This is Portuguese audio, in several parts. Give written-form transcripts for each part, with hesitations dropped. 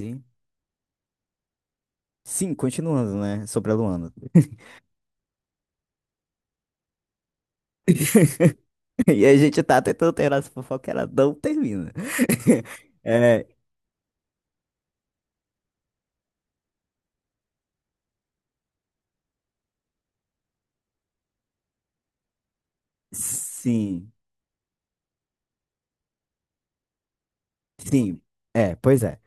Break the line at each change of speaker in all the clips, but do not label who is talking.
Sim, Sim, continuando, né? Sobre a Luana. E a gente tá tentando terminar essa fofoca, ela não termina. É, sim, sim, é, pois é.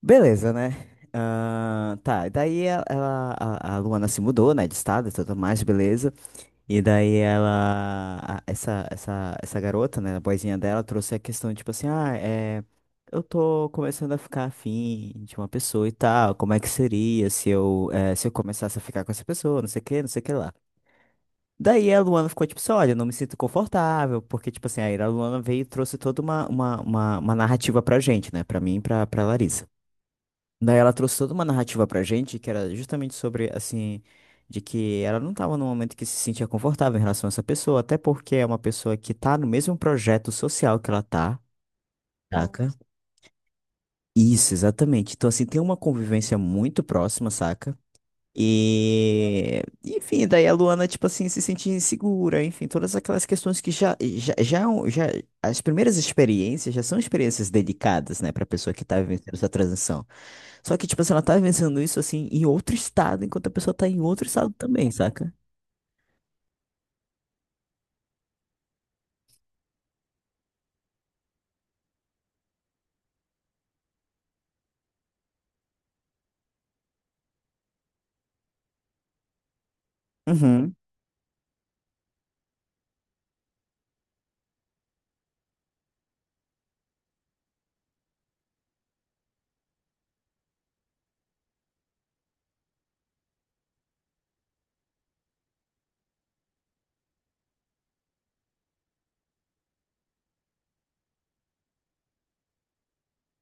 Beleza, né? Ah, tá, e daí a Luana se mudou, né, de estado e tudo mais, beleza. E daí ela, a- essa garota, né, a boazinha dela, trouxe a questão, tipo assim, ah, é, eu tô começando a ficar afim de uma pessoa e tal, como é que seria se eu, se eu começasse a ficar com essa pessoa, não sei o que, não sei o que lá. Daí a Luana ficou tipo assim, olha, eu não me sinto confortável, porque, tipo assim, aí a Luana veio e trouxe toda uma narrativa pra gente, né, pra mim e pra, pra Larissa. Daí ela trouxe toda uma narrativa pra gente que era justamente sobre, assim, de que ela não tava num momento que se sentia confortável em relação a essa pessoa, até porque é uma pessoa que tá no mesmo projeto social que ela tá. Saca? Isso, exatamente. Então, assim, tem uma convivência muito próxima, saca? E, enfim, daí a Luana, tipo assim, se sentia insegura, enfim, todas aquelas questões que já, é um- já- as primeiras experiências já são experiências delicadas, né, pra pessoa que tá vivenciando essa transição. Só que, tipo assim, ela tá vencendo isso, assim, em outro estado, enquanto a pessoa tá em outro estado também, saca? Uhum.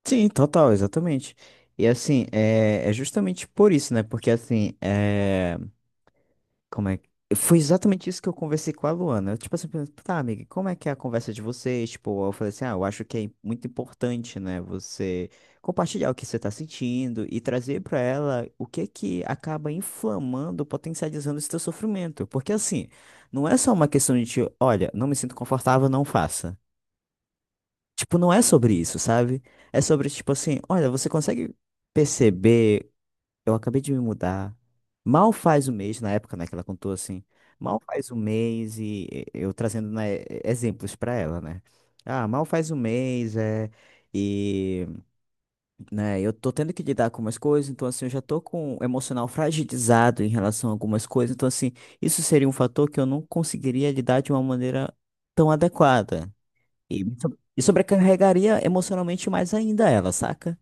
Sim, total, exatamente. E assim, é justamente por isso, né? Porque assim, é. Como é que... Foi exatamente isso que eu conversei com a Luana. Eu, tipo assim, perguntei, tá, amiga, como é que é a conversa de vocês? Tipo, eu falei assim, ah, eu acho que é muito importante, né, você compartilhar o que você tá sentindo e trazer pra ela o que que acaba inflamando, potencializando esse teu sofrimento. Porque, assim, não é só uma questão de, tipo, olha, não me sinto confortável, não faça. Tipo, não é sobre isso, sabe? É sobre, tipo assim, olha, você consegue perceber. Eu acabei de me mudar. Mal faz um mês, na época, né, que ela contou assim. Mal faz um mês e- eu trazendo, né, e- exemplos pra ela, né? Ah, mal faz um mês, é. E, né, eu tô tendo que lidar com algumas coisas, então assim, eu já tô com o emocional fragilizado em relação a algumas coisas, então assim, isso seria um fator que eu não conseguiria lidar de uma maneira tão adequada. E, me so- e sobrecarregaria emocionalmente mais ainda ela, saca?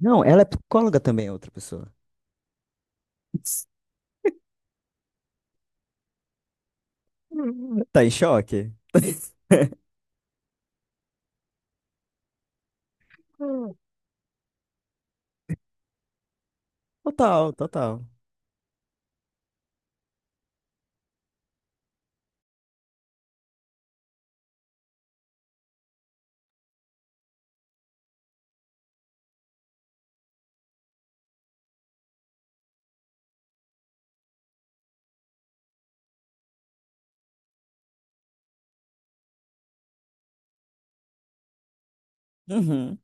Não, ela é psicóloga também, é outra pessoa. Tá em choque? Total, total. Uhum.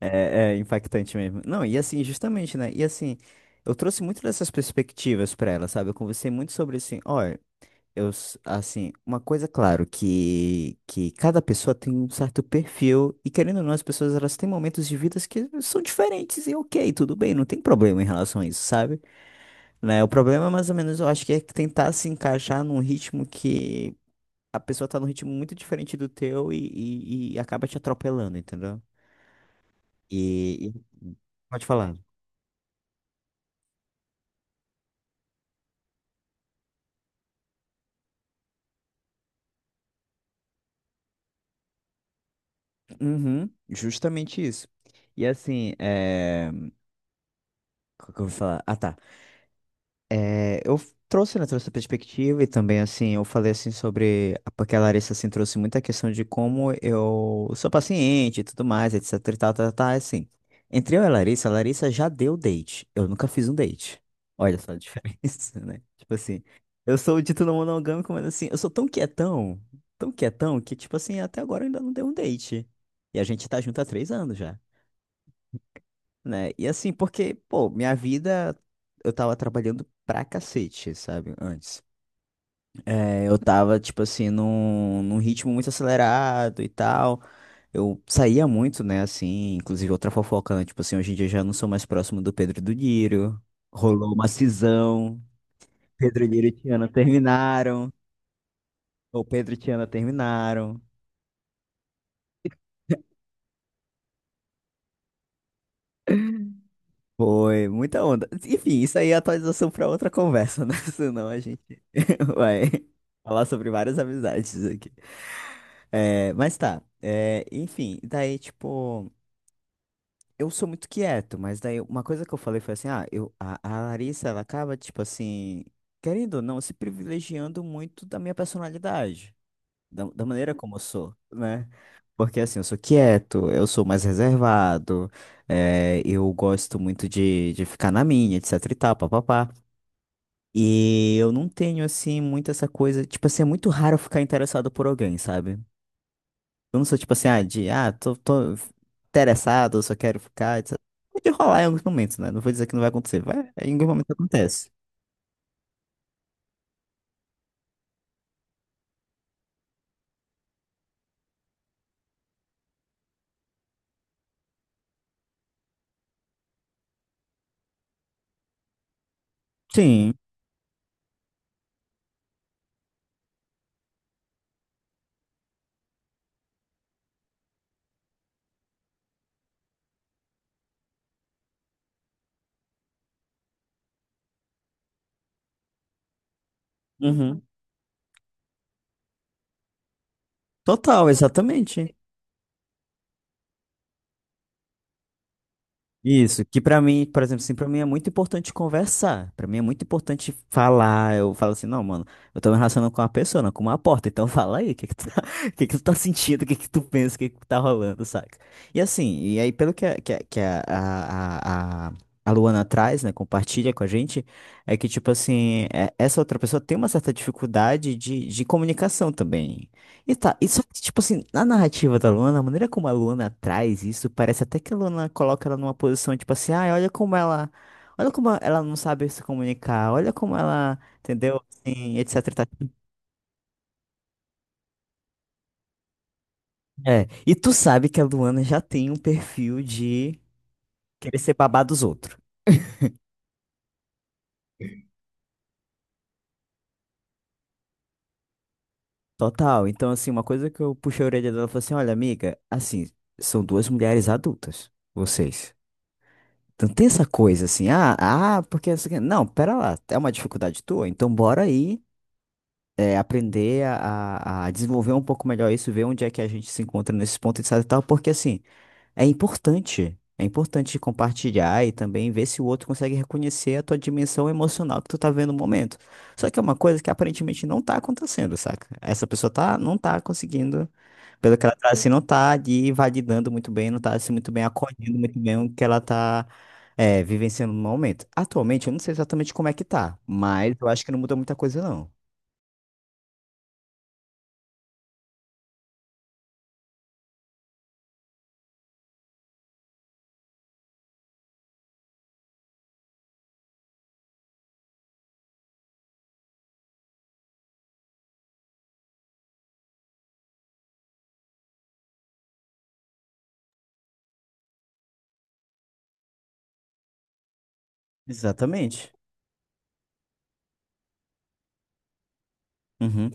É, é impactante mesmo. Não, e assim, justamente, né? E assim, eu trouxe muito dessas perspectivas pra ela, sabe? Eu conversei muito sobre assim, olha, eu, s- assim, uma coisa, claro, que cada pessoa tem um certo perfil, e querendo ou não, as pessoas, elas têm momentos de vidas que são diferentes, e ok, tudo bem, não tem problema em relação a isso, sabe? Né? O problema, mais ou menos, eu acho que é tentar se encaixar num ritmo que a pessoa tá num ritmo muito diferente do teu e acaba te atropelando, entendeu? E, e- pode falar. Uhum, justamente isso. E assim, é... o que que eu vou falar? Ah, tá. É, eu f- trouxe, né, trouxe essa perspectiva e também, assim, eu falei, assim, sobre... a- Porque a Larissa, assim, trouxe muita questão de como eu sou paciente e tudo mais, etc e tal, tal, tal, assim. Entre eu e a Larissa já deu date. Eu nunca fiz um date. Olha só a diferença, né? Tipo assim, eu sou o dito não monogâmico, mas assim, eu sou tão quietão, que, tipo assim, até agora eu ainda não dei um date. E a gente tá junto há três anos já, né? E assim, porque, pô, minha vida, eu tava trabalhando pra cacete, sabe? Antes. É, eu tava, tipo assim, num ritmo muito acelerado e tal. Eu saía muito, né? Assim, inclusive outra fofoca, né? Tipo assim, hoje em dia eu já não sou mais próximo do Pedro e do Niro. Rolou uma cisão. Pedro e Niro e Tiana terminaram. Ou Pedro e Tiana terminaram. Foi muita onda. Enfim, isso aí é atualização para outra conversa, né? Senão a gente vai falar sobre várias amizades aqui. É, mas tá. É, enfim, daí, tipo, eu sou muito quieto, mas daí uma coisa que eu falei foi assim: ah, eu, a Larissa, ela acaba, tipo assim, querendo ou não, se privilegiando muito da minha personalidade, da maneira como eu sou, né? Porque assim, eu sou quieto, eu sou mais reservado, eu gosto muito de ficar na minha, etc e tal, papapá. E eu não tenho, assim, muito essa coisa. Tipo assim, é muito raro eu ficar interessado por alguém, sabe? Eu não sou tipo assim, ah, de, ah, tô interessado, eu só quero ficar, etc. Pode rolar em alguns momentos, né? Não vou dizer que não vai acontecer, vai, em algum momento acontece. Sim. Uhum. Total, exatamente. Isso, que pra mim, por exemplo, assim, para mim é muito importante conversar. Pra mim é muito importante falar. Eu falo assim, não, mano, eu tô me relacionando com uma pessoa, não com uma porta. Então fala aí, o que que tu tá, o que que tu tá sentindo, o que que tu pensa, o que que tá rolando, saca? E assim, e aí pelo que a Luana traz, né, compartilha com a gente, é que tipo assim, é- essa outra pessoa tem uma certa dificuldade de comunicação também. E tá, e só que, tipo assim, na narrativa da Luana, a maneira como a Luana traz isso, parece até que a Luana coloca ela numa posição, tipo assim, ai, olha como ela não sabe se comunicar, olha como ela, entendeu? Assim, etc. e tal. É, e tu sabe que a Luana já tem um perfil de querer ser babá dos outros. Total. Então, assim, uma coisa que eu puxei a orelha dela e falei assim, olha, amiga, assim, são duas mulheres adultas, vocês. Então tem essa coisa assim, ah, porque não sei o quê. Não, pera lá, é uma dificuldade tua, então bora aí é, aprender a desenvolver um pouco melhor isso, ver onde é que a gente se encontra nesses pontos etc e tal, porque assim, é importante compartilhar e também ver se o outro consegue reconhecer a tua dimensão emocional que tu tá vendo no momento. Só que é uma coisa que aparentemente não tá acontecendo, saca? Essa pessoa tá, não tá conseguindo, pelo que ela tá assim, não tá ali validando muito bem, não tá assim muito bem acolhendo muito bem o que ela tá é, vivenciando no momento. Atualmente, eu não sei exatamente como é que tá, mas eu acho que não mudou muita coisa, não. Exatamente. Uhum.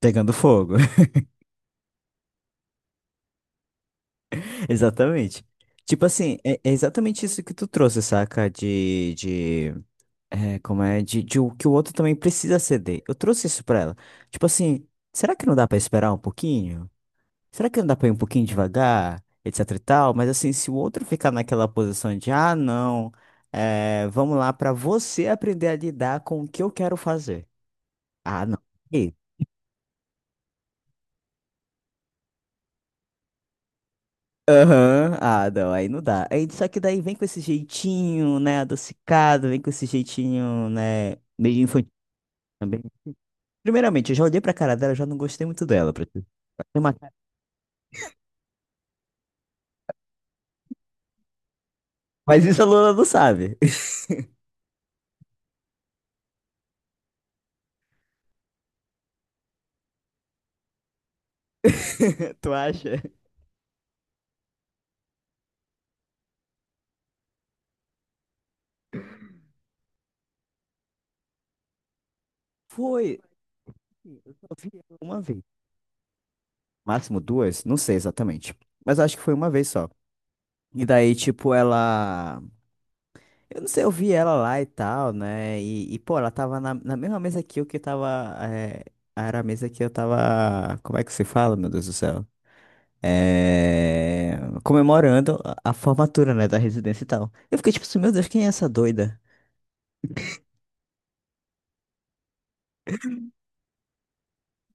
Pegando fogo. Exatamente. Tipo assim, é exatamente isso que tu trouxe, saca? De, é, como é? De o que o outro também precisa ceder. Eu trouxe isso pra ela. Tipo assim, será que não dá pra esperar um pouquinho? Será que não dá pra ir um pouquinho devagar? Etc e tal. Mas assim, se o outro ficar naquela posição de, ah, não, é, vamos lá pra você aprender a lidar com o que eu quero fazer. Ah, não. Aham, ah, não, aí não dá. Aí, só que daí vem com esse jeitinho, né, adocicado, vem com esse jeitinho, né, meio infantil também. Primeiramente, eu já olhei pra cara dela, já não gostei muito dela. Pra te- Tem uma cara- Mas isso a Luna não sabe. Tu acha? Foi. Assim, eu só vi ela uma vez. Máximo duas? Não sei exatamente. Mas acho que foi uma vez só. E daí, tipo, ela. Eu não sei, eu vi ela lá e tal, né? Pô, ela tava na mesma mesa que eu que tava. É, era a mesa que eu tava. Como é que se fala, meu Deus do céu? É, comemorando a formatura, né? Da residência e tal. Eu fiquei tipo assim, meu Deus, quem é essa doida?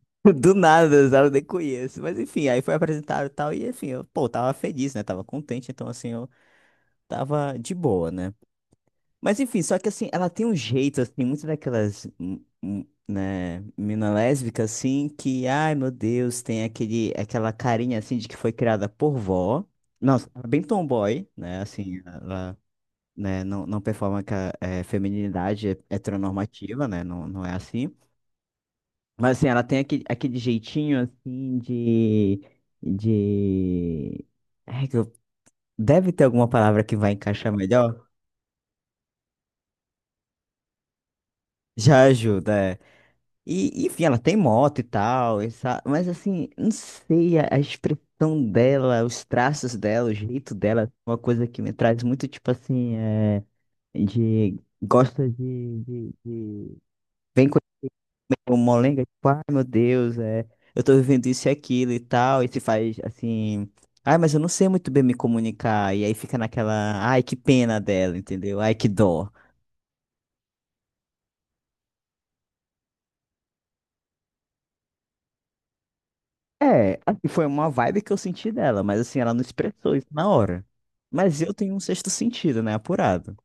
Do nada, sabe? Eu nem conheço. Mas enfim, aí foi apresentado e tal. E enfim, eu, pô, tava feliz, né? Tava contente, então assim, eu tava de boa, né? Mas enfim, só que assim, ela tem um jeito, assim, muito daquelas, né, mina lésbica, assim, que, ai meu Deus, tem aquele, aquela carinha, assim, de que foi criada por vó. Nossa, ela é bem tomboy, né, assim, ela, né, não, não performa com a feminilidade heteronormativa, né, não, não é assim. Mas assim, ela tem aquele, aquele jeitinho, assim, de... Ai, que eu- Deve ter alguma palavra que vai encaixar melhor? Já ajuda, é. E, enfim, ela tem moto e tal, essa- mas assim, não sei, a expressão dela, os traços dela, o jeito dela, é uma coisa que me traz muito, tipo assim, é, de, gosta de... Vem com o molenga, tipo, ai meu Deus, é, eu tô vivendo isso e aquilo e tal, e se faz assim, ai, mas eu não sei muito bem me comunicar, e aí fica naquela, ai, que pena dela, entendeu? Ai, que dó. É, assim, foi uma vibe que eu senti dela, mas assim, ela não expressou isso na hora. Mas eu tenho um sexto sentido, né? Apurado.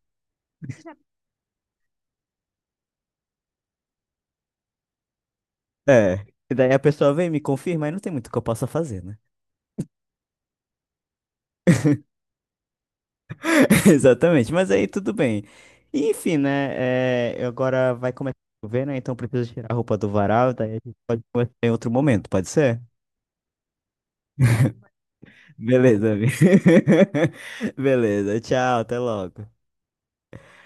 É. E daí a pessoa vem, me confirma, aí não tem muito que eu possa fazer, né? Exatamente, mas aí tudo bem. E, enfim, né? É, agora vai começar a chover, né? Então eu preciso tirar a roupa do varal, daí a gente pode conversar em outro momento, pode ser? Beleza, amigo. Beleza, tchau, até logo.